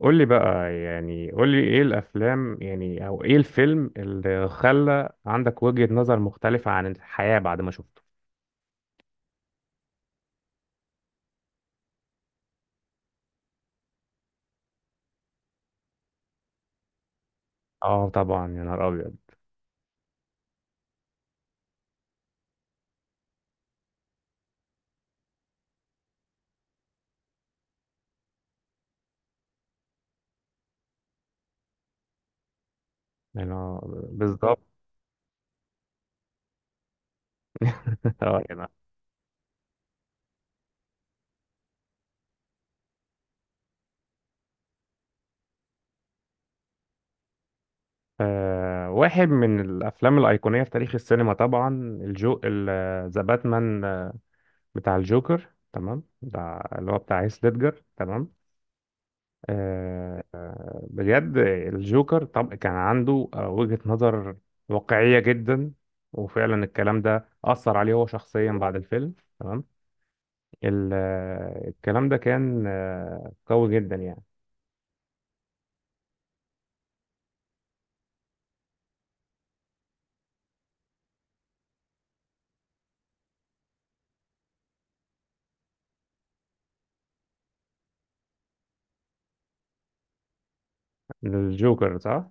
قول لي بقى يعني قول لي ايه الافلام يعني او ايه الفيلم اللي خلى عندك وجهة نظر مختلفة عن الحياة بعد ما شفته. اه طبعا، يا نهار ابيض. انا بالظبط. اه يعني. آه، واحد من الافلام الايقونية في تاريخ السينما طبعا الجو، ذا باتمان بتاع الجوكر تمام ده، اللي هو بتاع هيث ليدجر. تمام. بجد الجوكر طب كان عنده وجهة نظر واقعية جدا. وفعلا الكلام ده أثر عليه هو شخصيا بعد الفيلم. تمام. الكلام ده كان قوي جدا يعني. الجوكر صح.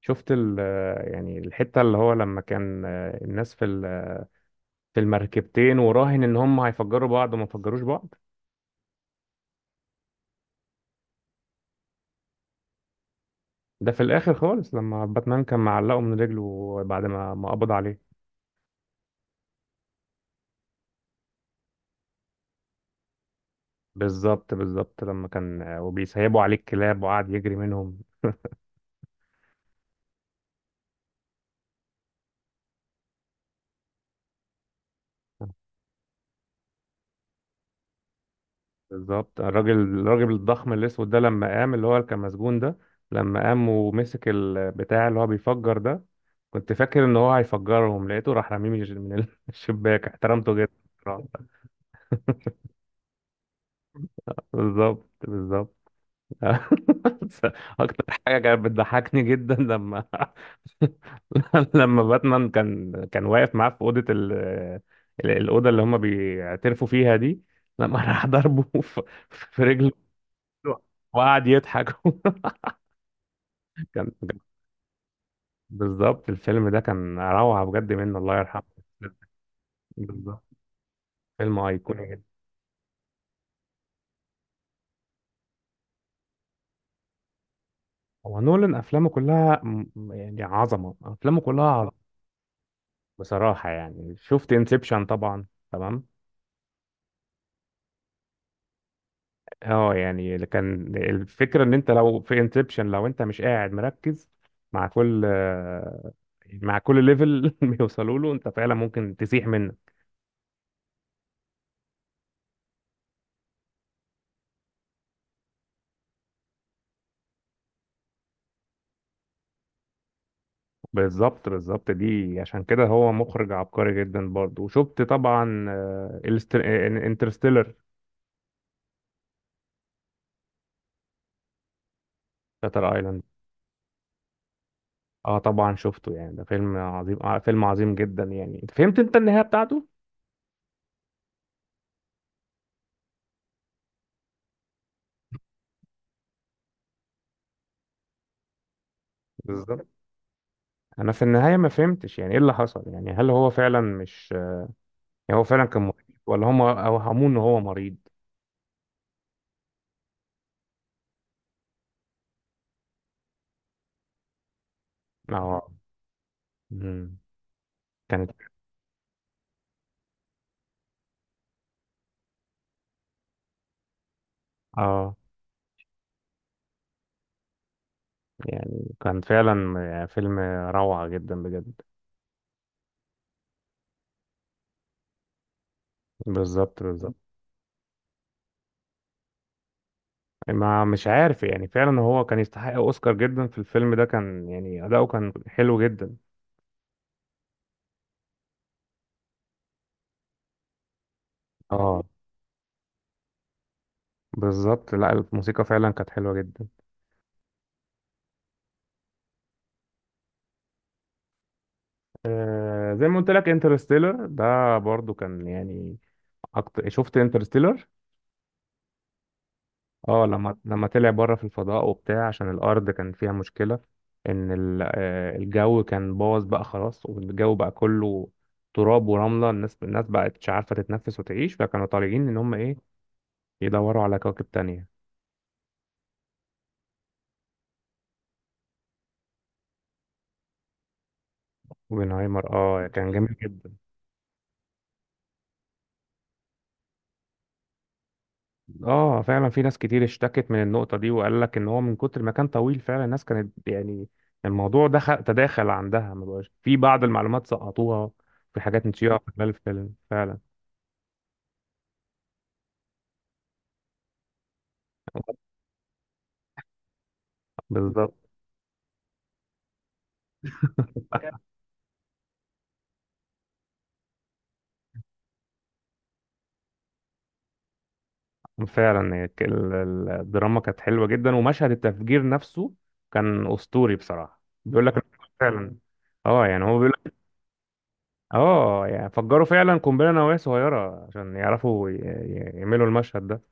شفت ال آه، يعني الحتة اللي هو لما كان الناس في المركبتين، وراهن ان هم هيفجروا بعض وما فجروش بعض. ده في الاخر خالص لما باتمان كان معلقه من رجله بعد ما قبض عليه. بالظبط بالظبط، لما كان وبيسيبوا عليه الكلاب وقعد يجري منهم. بالظبط، الراجل الضخم الاسود ده لما قام، اللي هو اللي كان مسجون ده، لما قام ومسك البتاع اللي هو بيفجر ده، كنت فاكر ان هو هيفجرهم، لقيته راح رميه من الش- من ال- الشباك. احترمته جدا بصراحة. بالظبط بالظبط. اكتر حاجة كانت بتضحكني جدا لما لما باتمان كان واقف معاه في الاوضه اللي هم بيعترفوا فيها دي، لما راح ضربه في في رجله، وقعد يضحك. كان كان- بالظبط، الفيلم ده كان روعه بجد، منه الله يرحمه. بالظبط، فيلم ايقوني جدا. هو نولان افلامه يعني عظمه، افلامه كلها عظمه. بصراحه يعني شفت انسبشن طبعا. تمام. اه يعني اللي كان الفكره ان انت لو في انسبشن، لو انت مش قاعد مركز مع كل مع كل ليفل بيوصلوا له، انت فعلا ممكن تسيح منه. بالظبط بالظبط، دي عشان كده هو مخرج عبقري جدا برضه. وشفت طبعا انترستيلر، شاتر ايلاند. اه طبعا شفته، يعني ده فيلم عظيم، آه فيلم عظيم جدا يعني. انت فهمت انت النهايه بتاعته؟ بالظبط. انا في النهايه ما فهمتش يعني ايه اللي حصل، يعني هل هو فعلا مش، يعني هو فعلا كان مريض ولا هم اوهموه ان هو مريض؟ اه. مم. كانت. اه يعني كان فعلا يعني فيلم روعة جدا بجد. بالظبط بالظبط. ما مش عارف يعني، فعلا هو كان يستحق اوسكار جدا في الفيلم ده، كان يعني اداؤه كان حلو جدا. اه بالظبط، لا الموسيقى فعلا كانت حلوة جدا. آه زي ما قلت لك انترستيلر ده برضو كان يعني أكتر، شفت انترستيلر. اه لما لما طلع بره في الفضاء وبتاع، عشان الارض كان فيها مشكله ان الجو كان باظ بقى خلاص، والجو بقى كله تراب ورمله، الناس بقت مش عارفه تتنفس وتعيش، فكانوا طالعين ان هم ايه، يدوروا على كواكب تانية. اوبنهايمر اه كان جميل جدا. اه فعلا، في ناس كتير اشتكت من النقطه دي، وقال لك ان هو من كتر ما كان طويل فعلا الناس كانت يعني الموضوع دخل تداخل عندها، ما بقاش في، بعض المعلومات سقطوها، في حاجات نسيوها في خلال الفيلم فعلا. بالظبط فعلا، هي ك- ال- ال- الدراما كانت حلوة جدا، ومشهد التفجير نفسه كان أسطوري بصراحة، بيقول لك إن هو فعلا، اه يعني هو بيقول لك، اه يعني فجروا فعلا قنبلة نووية صغيرة عشان يعرفوا يعملوا المشهد ده.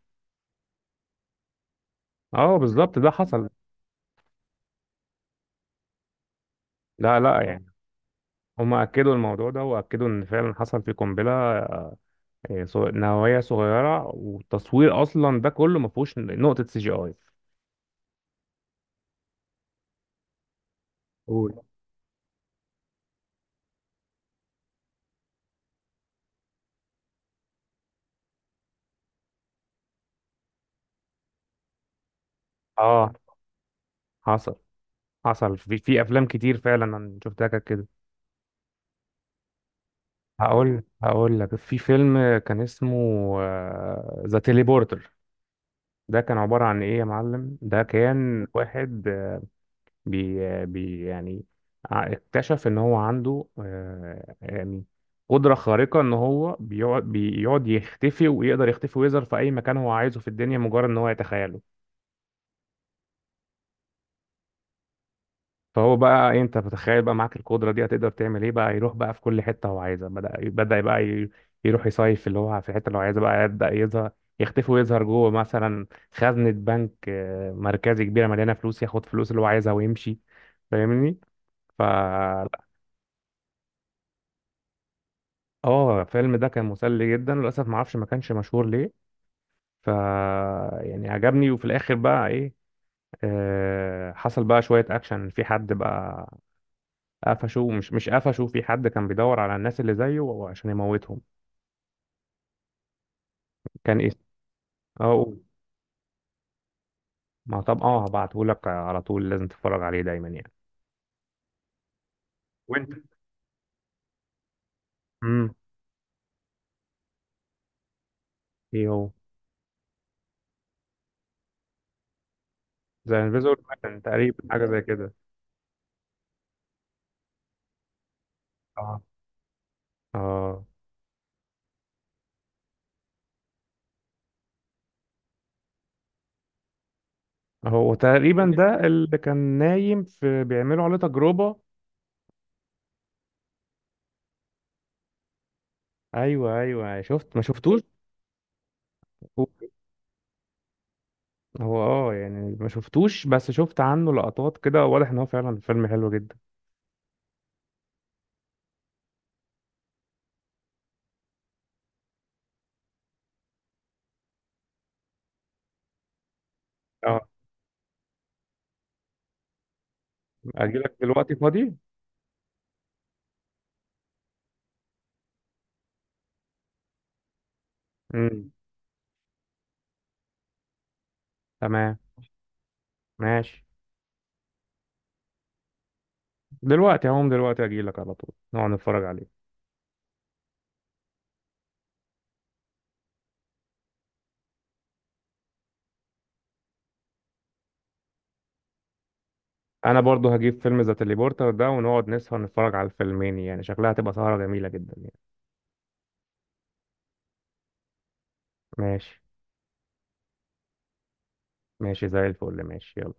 اه بالظبط، ده حصل. لا لا يعني، هم أكدوا الموضوع ده، وأكدوا إن فعلا حصل في قنبلة، نووية صغيرة، والتصوير أصلا ده كله ما فيهوش نقطة سي جي آي. قول. اه حصل، في أفلام كتير فعلا أنا شفتها كانت كده. هقول لك، في فيلم كان اسمه ذا تيليبورتر، ده كان عبارة عن ايه يا معلم، ده كان واحد بي يعني، اكتشف ان هو عنده يعني قدرة خارقة، ان هو بيقعد يختفي، ويقدر يختفي ويظهر في اي مكان هو عايزه في الدنيا، مجرد ان هو يتخيله. فهو بقى إيه، انت بتخيل بقى معاك القدره دي، هتقدر تعمل ايه بقى؟ يروح بقى في كل حته هو عايزها، بدا بقى يروح يصيف في اللي هو في الحته اللي هو عايزها، بقى يبدا يظهر، يختفي ويظهر جوه مثلا خزنه بنك مركزي كبيره مليانه فلوس، ياخد فلوس اللي هو عايزها ويمشي. فاهمني؟ ف، اه الفيلم ده كان مسلي جدا، للاسف ما اعرفش ما كانش مشهور ليه. ف يعني عجبني. وفي الاخر بقى ايه، حصل بقى شويه اكشن، في حد بقى قفشوه، مش قفشوه، في حد كان بيدور على الناس اللي زيه عشان يموتهم. كان اسم. اه قول. ما طب اه هبعته لك على طول، لازم تتفرج عليه دايما يعني. وانت. امم. ايه هو؟ زي انفيزور مان تقريبا، حاجه زي كده. اه اه. هو تقريبا ده اللي كان نايم في بيعملوا عليه تجربه. ايوه ايوه أيوه. شفت ما شفتوش؟ هو هو، اه يعني ما شفتوش، بس شفت عنه لقطات كده، واضح ان هو فعلا فيلم حلو جدا. اه. اجيلك دلوقتي فاضي؟ امم. تمام. ماشي. دلوقتي هقوم دلوقتي، اجي لك على طول، نقعد نتفرج عليه. انا برضو هجيب فيلم ذا تليبورتر ده، ونقعد نسهر نتفرج على الفيلمين يعني، شكلها هتبقى سهرة جميلة جدا يعني. ماشي ماشي، زي الفل ماشي، يلا.